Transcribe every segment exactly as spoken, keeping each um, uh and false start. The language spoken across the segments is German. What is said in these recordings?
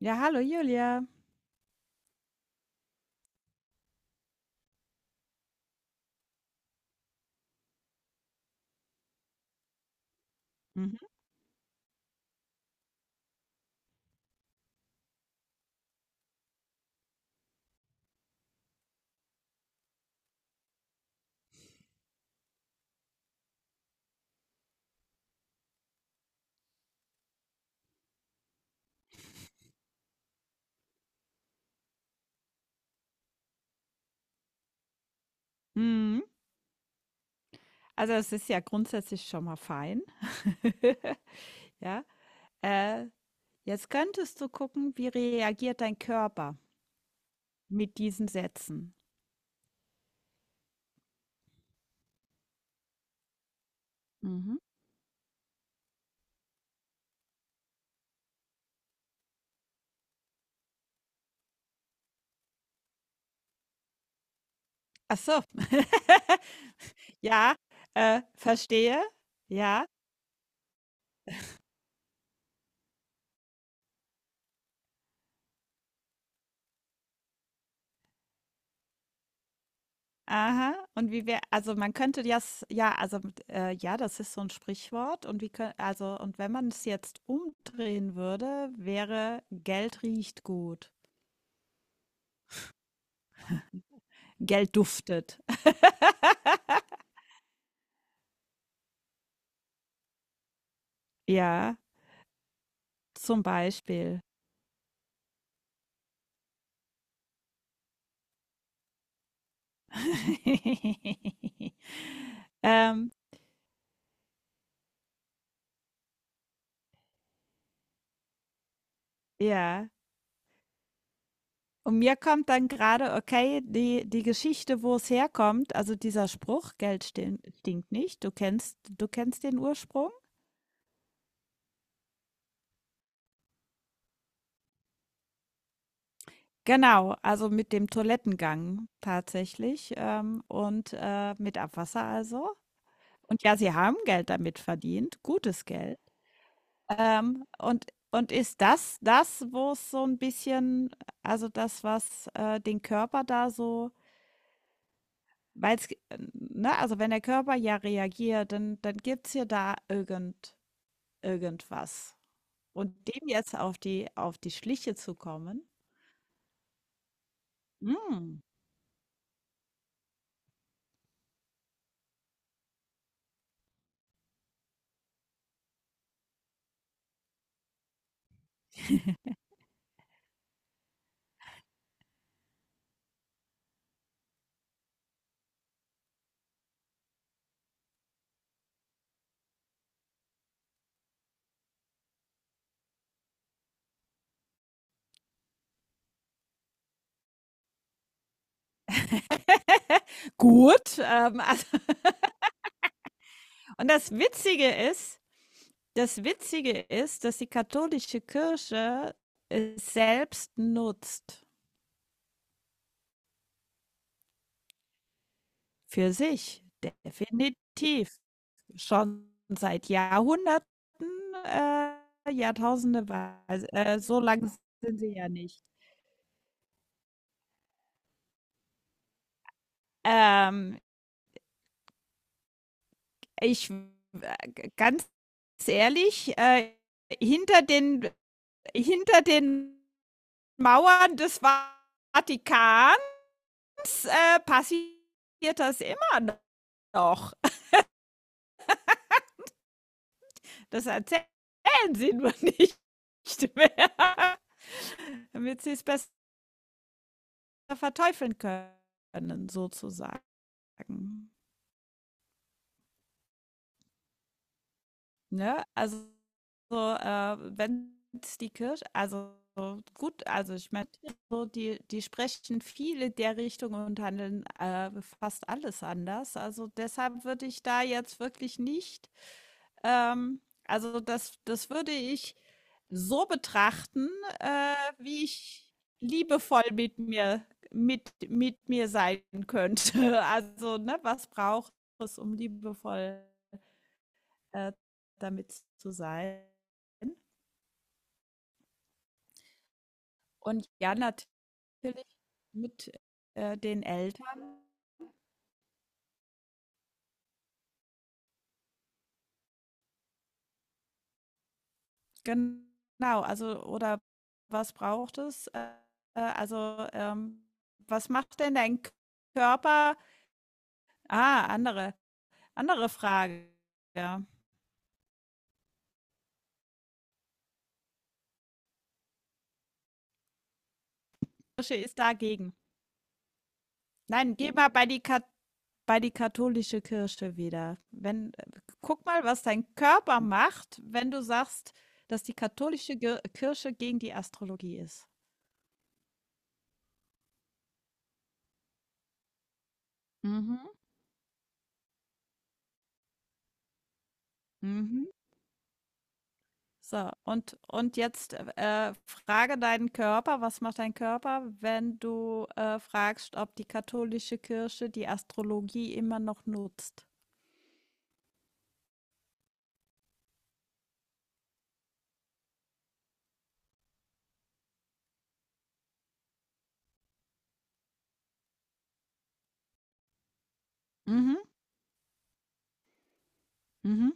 Ja, hallo Julia. Mhm. Mhm. Also, es ist ja grundsätzlich schon mal fein. Ja. Äh, Jetzt könntest du gucken, wie reagiert dein Körper mit diesen Sätzen. Mhm. Ach so. Ja, äh, verstehe. Ja. Aha. Und wie wär also, man könnte das ja, also, äh, ja, das ist so ein Sprichwort und wie kö also, und wenn man es jetzt umdrehen würde, wäre: „Geld riecht gut.“ Geld duftet. Ja, zum Beispiel. Ähm, ja. Und mir kommt dann gerade, okay, die, die Geschichte, wo es herkommt, also dieser Spruch, Geld stin- stinkt nicht, du kennst, du kennst den Ursprung? Genau, also mit dem Toilettengang tatsächlich ähm, und äh, mit Abwasser also. Und ja, sie haben Geld damit verdient, gutes Geld. Ähm, und und ist das das, wo es so ein bisschen also das, was, äh, den Körper da so weil g ne, also wenn der Körper ja reagiert, dann dann gibt's ja da irgend irgendwas. Und dem jetzt auf die auf die Schliche zu kommen, hm. Gut, ähm, also und das Witzige ist das Witzige ist, dass die katholische Kirche es selbst nutzt. Für sich, definitiv. Schon seit Jahrhunderten, äh, Jahrtausende weise äh, so lang sind sie ja nicht. Ähm, ich äh, ganz ehrlich, äh, hinter den hinter den Mauern des Vatikans, äh, passiert das immer noch. Das erzählen sie nur nicht mehr, damit sie's bess verteufeln können, sozusagen. Ne? Also, so, äh, wenn's die Kirche also, gut also, ich meine, so die die sprechen viel in der Richtung und handeln, äh, fast alles anders. Also, deshalb würde ich da jetzt wirklich nicht ähm, also, das das würde ich so betrachten, äh, wie ich liebevoll mit mir mit mit mir sein könnte. Also, ne, was braucht es, um liebevoll äh, damit zu sein. Und ja, natürlich mit äh, den Eltern. Genau, also oder was braucht es? Äh, äh, also ähm, was macht denn dein Körper? Ah, andere, andere Frage. Ja. Kirche ist dagegen. Nein, geh mal bei die, Kat bei die katholische Kirche wieder. Wenn, guck mal, was dein Körper macht, wenn du sagst, dass die katholische Ge- Kirche gegen die Astrologie ist. Mhm, mhm. So, und und jetzt, äh, frage deinen Körper, was macht dein Körper, wenn du, äh, fragst, ob die katholische Kirche die Astrologie immer noch nutzt? Mhm, mhm.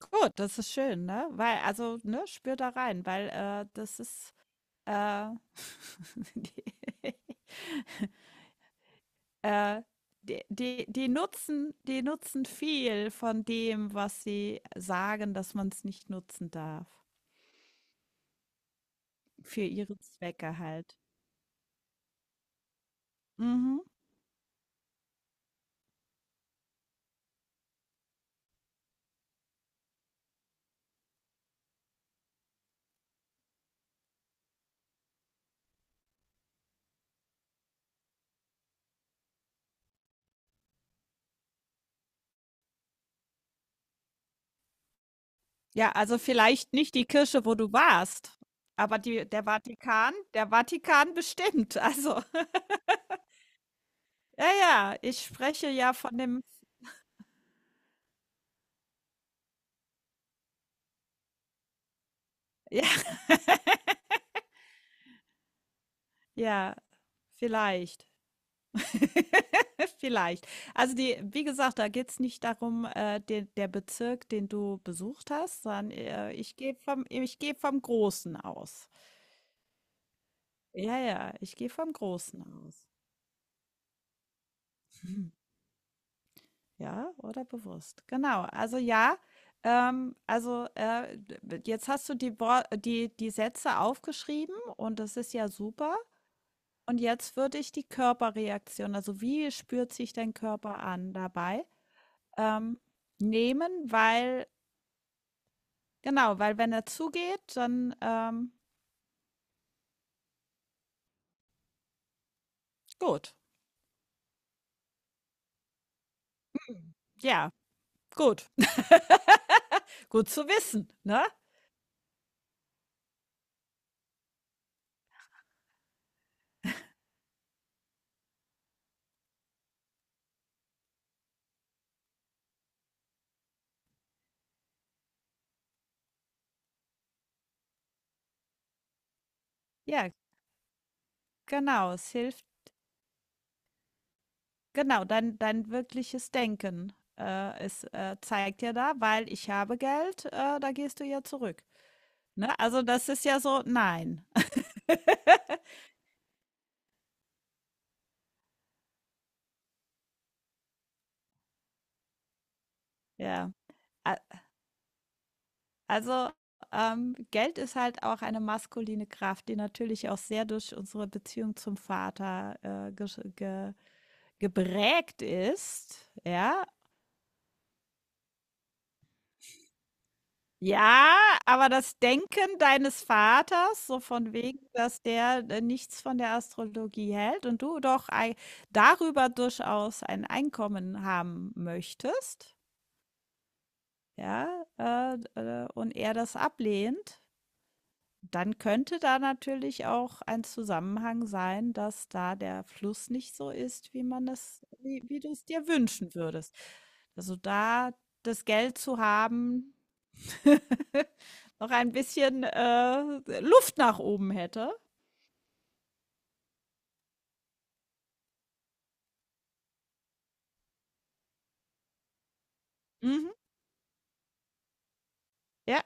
Gut, das ist schön, ne? Weil also, ne, spür da rein, weil, äh, das ist, äh, die äh, die die die nutzen die nutzen viel von dem, was sie sagen, dass man es nicht nutzen darf. Für ihre Zwecke halt. Mhm. Ja, also vielleicht nicht die Kirche, wo du warst, aber die der Vatikan der Vatikan bestimmt. Also, ja, ja, ich spreche ja von dem ja, ja, vielleicht. Vielleicht. Also, die wie gesagt, da geht's nicht darum, äh, de der Bezirk, den du besucht hast, sondern, äh, ich gehe vom ich gehe vom Großen aus. Ja, ja, ich gehe vom Großen aus. Ja, oder bewusst. Genau. Also ja, ähm, also äh, d- jetzt hast du die, Wor- die, die Sätze aufgeschrieben und das ist ja super. Und jetzt würde ich die Körperreaktion, also wie spürt sich dein Körper an dabei, ähm, nehmen, weil, genau, weil wenn er zugeht, dann ähm, gut. Ja, gut. Gut zu wissen, ne? Ja, genau. Es hilft. Genau, dein dein wirkliches Denken, äh, es, äh, zeigt ja da, weil ich habe Geld, äh, da gehst du ja zurück. Ne? Also das ist ja so, nein. Ja. A also, ähm, Geld ist halt auch eine maskuline Kraft, die natürlich auch sehr durch unsere Beziehung zum Vater, äh, gesch ge geprägt ist, ja, Ja, aber das Denken deines Vaters, so von wegen, dass der, äh, nichts von der Astrologie hält und du doch ei darüber durchaus ein Einkommen haben möchtest, ja, äh, äh, und er das ablehnt, dann könnte da natürlich auch ein Zusammenhang sein, dass da der Fluss nicht so ist, wie man es wie wie du es dir wünschen würdest. Also, da das Geld zu haben Noch ein bisschen, äh, Luft nach oben hätte. Mhm. Ja.